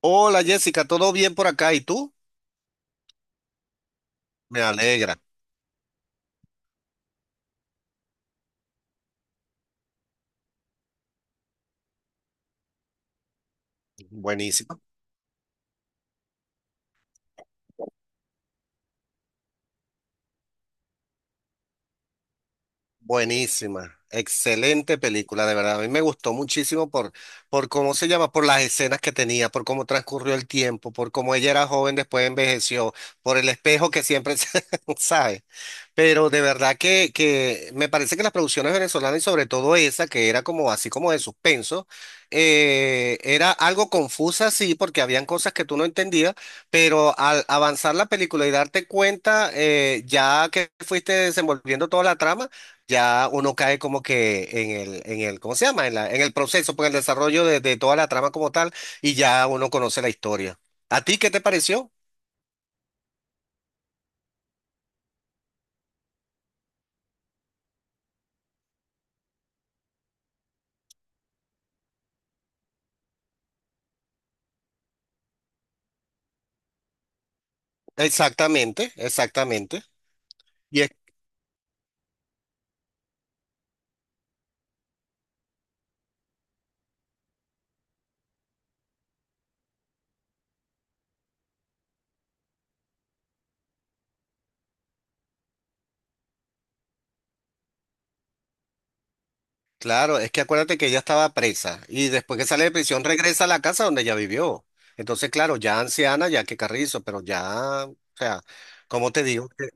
Hola Jessica, ¿todo bien por acá? ¿Y tú? Me alegra. Buenísima. Buenísima. Excelente película, de verdad. A mí me gustó muchísimo por cómo se llama, por las escenas que tenía, por cómo transcurrió el tiempo, por cómo ella era joven, después envejeció, por el espejo que siempre se, ¿sabes? Pero de verdad que me parece que las producciones venezolanas y sobre todo esa, que era como así como de suspenso, era algo confusa, sí, porque habían cosas que tú no entendías, pero al avanzar la película y darte cuenta, ya que fuiste desenvolviendo toda la trama, ya uno cae como que ¿cómo se llama? En el proceso, pues el desarrollo de toda la trama como tal, y ya uno conoce la historia. ¿A ti qué te pareció? Exactamente, exactamente. Y claro, es que acuérdate que ella estaba presa y después que sale de prisión regresa a la casa donde ella vivió. Entonces, claro, ya anciana, ya que Carrizo, pero ya, o sea, ¿cómo te digo? Que-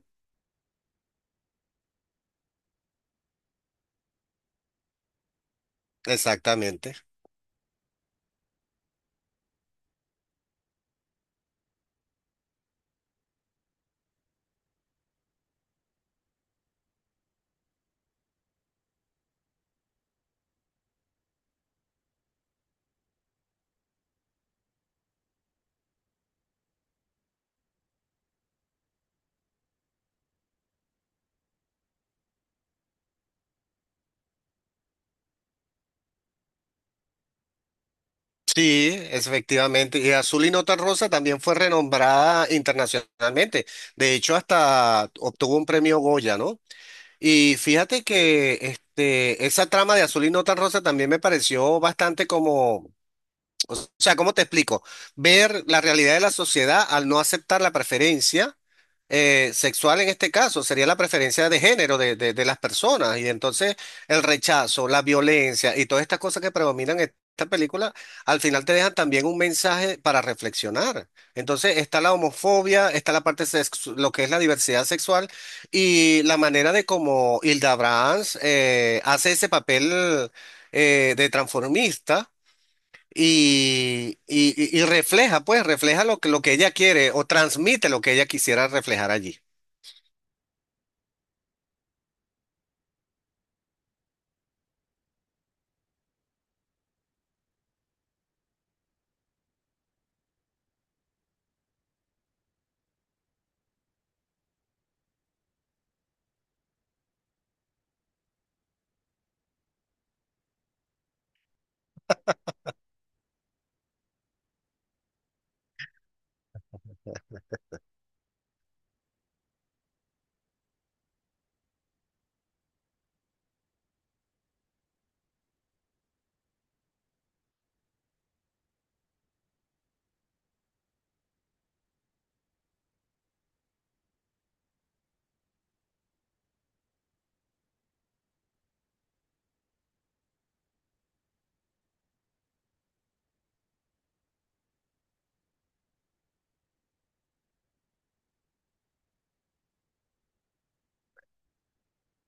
Exactamente. Sí, es efectivamente. Y Azul y Nota Rosa también fue renombrada internacionalmente. De hecho, hasta obtuvo un premio Goya, ¿no? Y fíjate que este, esa trama de Azul y Nota Rosa también me pareció bastante como... O sea, ¿cómo te explico? Ver la realidad de la sociedad al no aceptar la preferencia sexual en este caso, sería la preferencia de género de las personas. Y entonces el rechazo, la violencia y todas estas cosas que predominan en esta película, al final te dejan también un mensaje para reflexionar. Entonces está la homofobia, está la parte lo que es la diversidad sexual y la manera de cómo Hilda Brahms hace ese papel de transformista y refleja, pues, refleja lo que ella quiere o transmite lo que ella quisiera reflejar allí.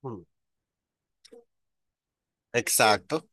Mm. Exacto,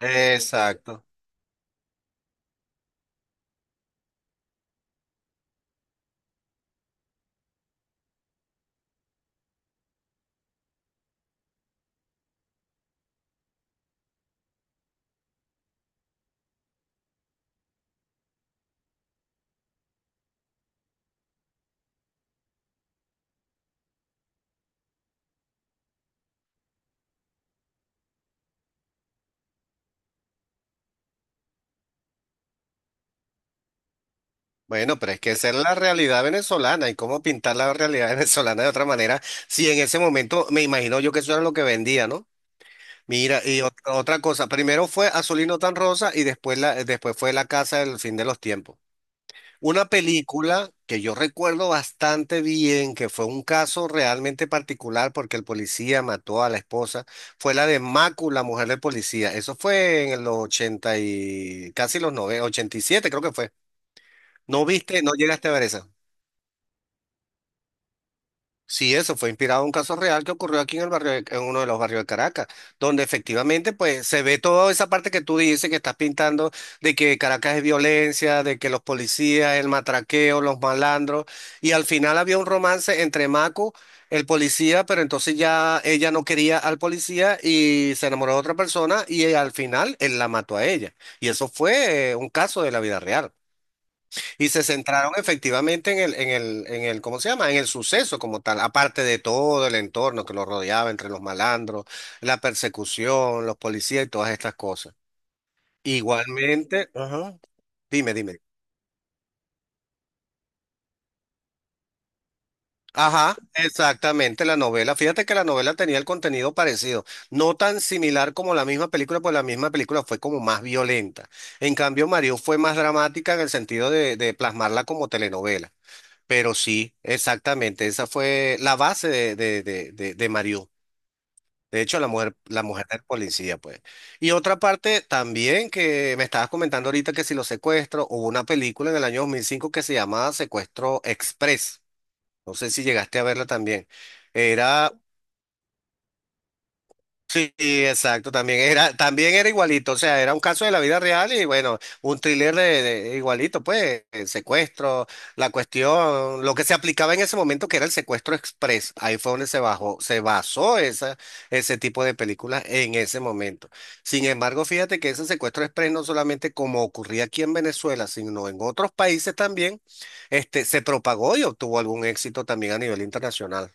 exacto. Bueno, pero es que esa es la realidad venezolana y cómo pintar la realidad venezolana de otra manera, si en ese momento me imagino yo que eso era lo que vendía, ¿no? Mira, y otra cosa, primero fue Azulino tan rosa y después fue La Casa del Fin de los Tiempos. Una película que yo recuerdo bastante bien, que fue un caso realmente particular porque el policía mató a la esposa, fue la de Macu, la mujer del policía. Eso fue en los 80 y casi los 90, ochenta y siete creo que fue. ¿No viste, no llegaste a ver esa? Sí, eso fue inspirado en un caso real que ocurrió aquí en el barrio, en uno de los barrios de Caracas, donde efectivamente pues se ve toda esa parte que tú dices que estás pintando de que Caracas es violencia, de que los policías, el matraqueo, los malandros, y al final había un romance entre Maco, el policía, pero entonces ya ella no quería al policía y se enamoró de otra persona y al final él la mató a ella. Y eso fue un caso de la vida real. Y se centraron efectivamente ¿cómo se llama? En el suceso como tal, aparte de todo el entorno que lo rodeaba entre los malandros, la persecución, los policías y todas estas cosas. Igualmente, ajá. Dime, dime. Ajá, exactamente, la novela. Fíjate que la novela tenía el contenido parecido, no tan similar como la misma película, pues la misma película fue como más violenta. En cambio, Mario fue más dramática en el sentido de plasmarla como telenovela. Pero sí, exactamente, esa fue la base de Mariú. De hecho, la mujer del policía, pues. Y otra parte también que me estabas comentando ahorita que si los secuestros, hubo una película en el año 2005 que se llamaba Secuestro Express. No sé si llegaste a verla también. Era... Sí, exacto, también era igualito, o sea, era un caso de la vida real y bueno, un thriller igualito, pues, el secuestro, la cuestión, lo que se aplicaba en ese momento que era el secuestro express, ahí fue donde se bajó, se basó esa, ese tipo de películas en ese momento. Sin embargo, fíjate que ese secuestro express no solamente como ocurría aquí en Venezuela, sino en otros países también, se propagó y obtuvo algún éxito también a nivel internacional,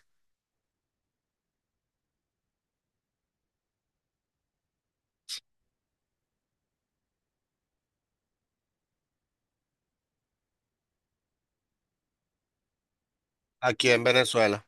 aquí en Venezuela.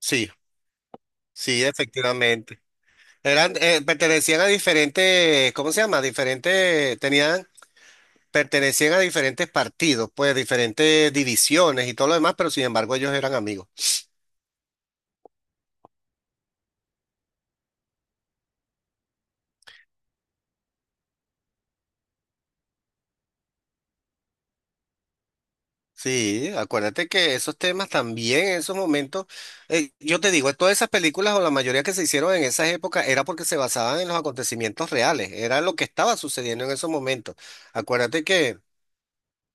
Sí, sí, efectivamente. Pertenecían a diferentes, ¿cómo se llama? Pertenecían a diferentes partidos, pues diferentes divisiones y todo lo demás, pero sin embargo ellos eran amigos. Sí, acuérdate que esos temas también en esos momentos, yo te digo, todas esas películas o la mayoría que se hicieron en esas épocas era porque se basaban en los acontecimientos reales, era lo que estaba sucediendo en esos momentos. Acuérdate que.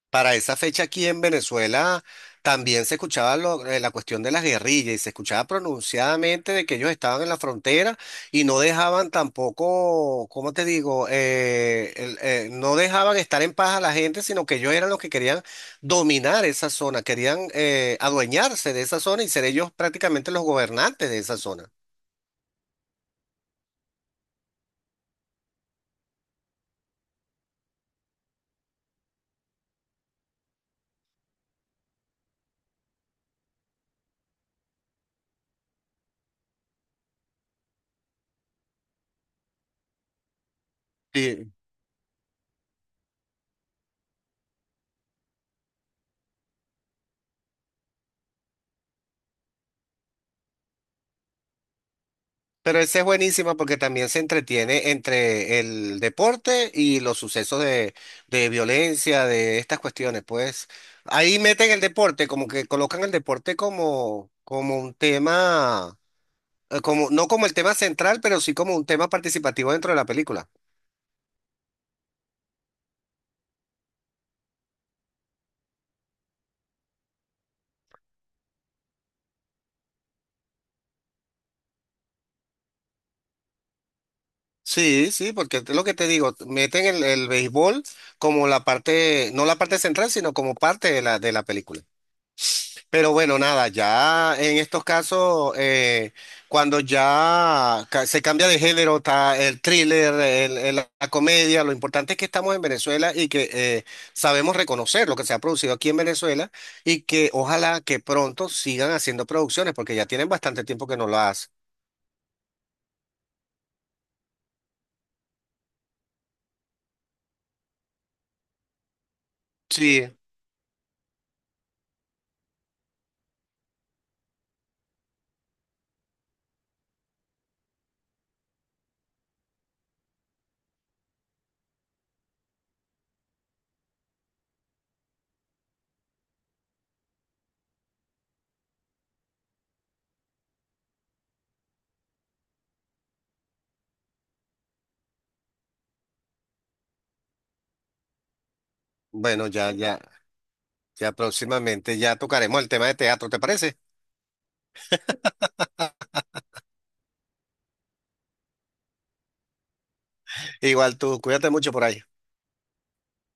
Para esa fecha aquí en Venezuela también se escuchaba la cuestión de las guerrillas y se escuchaba pronunciadamente de que ellos estaban en la frontera y no dejaban tampoco, ¿cómo te digo? No dejaban estar en paz a la gente, sino que ellos eran los que querían dominar esa zona, querían adueñarse de esa zona y ser ellos prácticamente los gobernantes de esa zona. Sí. Pero esa es buenísima porque también se entretiene entre el deporte y los sucesos de violencia, de estas cuestiones. Pues ahí meten el deporte, como que colocan el deporte como, como un tema, no como el tema central, pero sí como un tema participativo dentro de la película. Sí, sí, porque es lo que te digo, meten el béisbol como la parte, no la parte central, sino como parte de la película. Pero bueno, nada, ya en estos casos, cuando ya se cambia de género, está el thriller, la comedia, lo importante es que estamos en Venezuela y que sabemos reconocer lo que se ha producido aquí en Venezuela y que ojalá que pronto sigan haciendo producciones, porque ya tienen bastante tiempo que no lo hacen. Sí. Bueno, ya, ya, ya, próximamente ya tocaremos el tema de teatro, ¿te parece? Igual tú, cuídate mucho por ahí.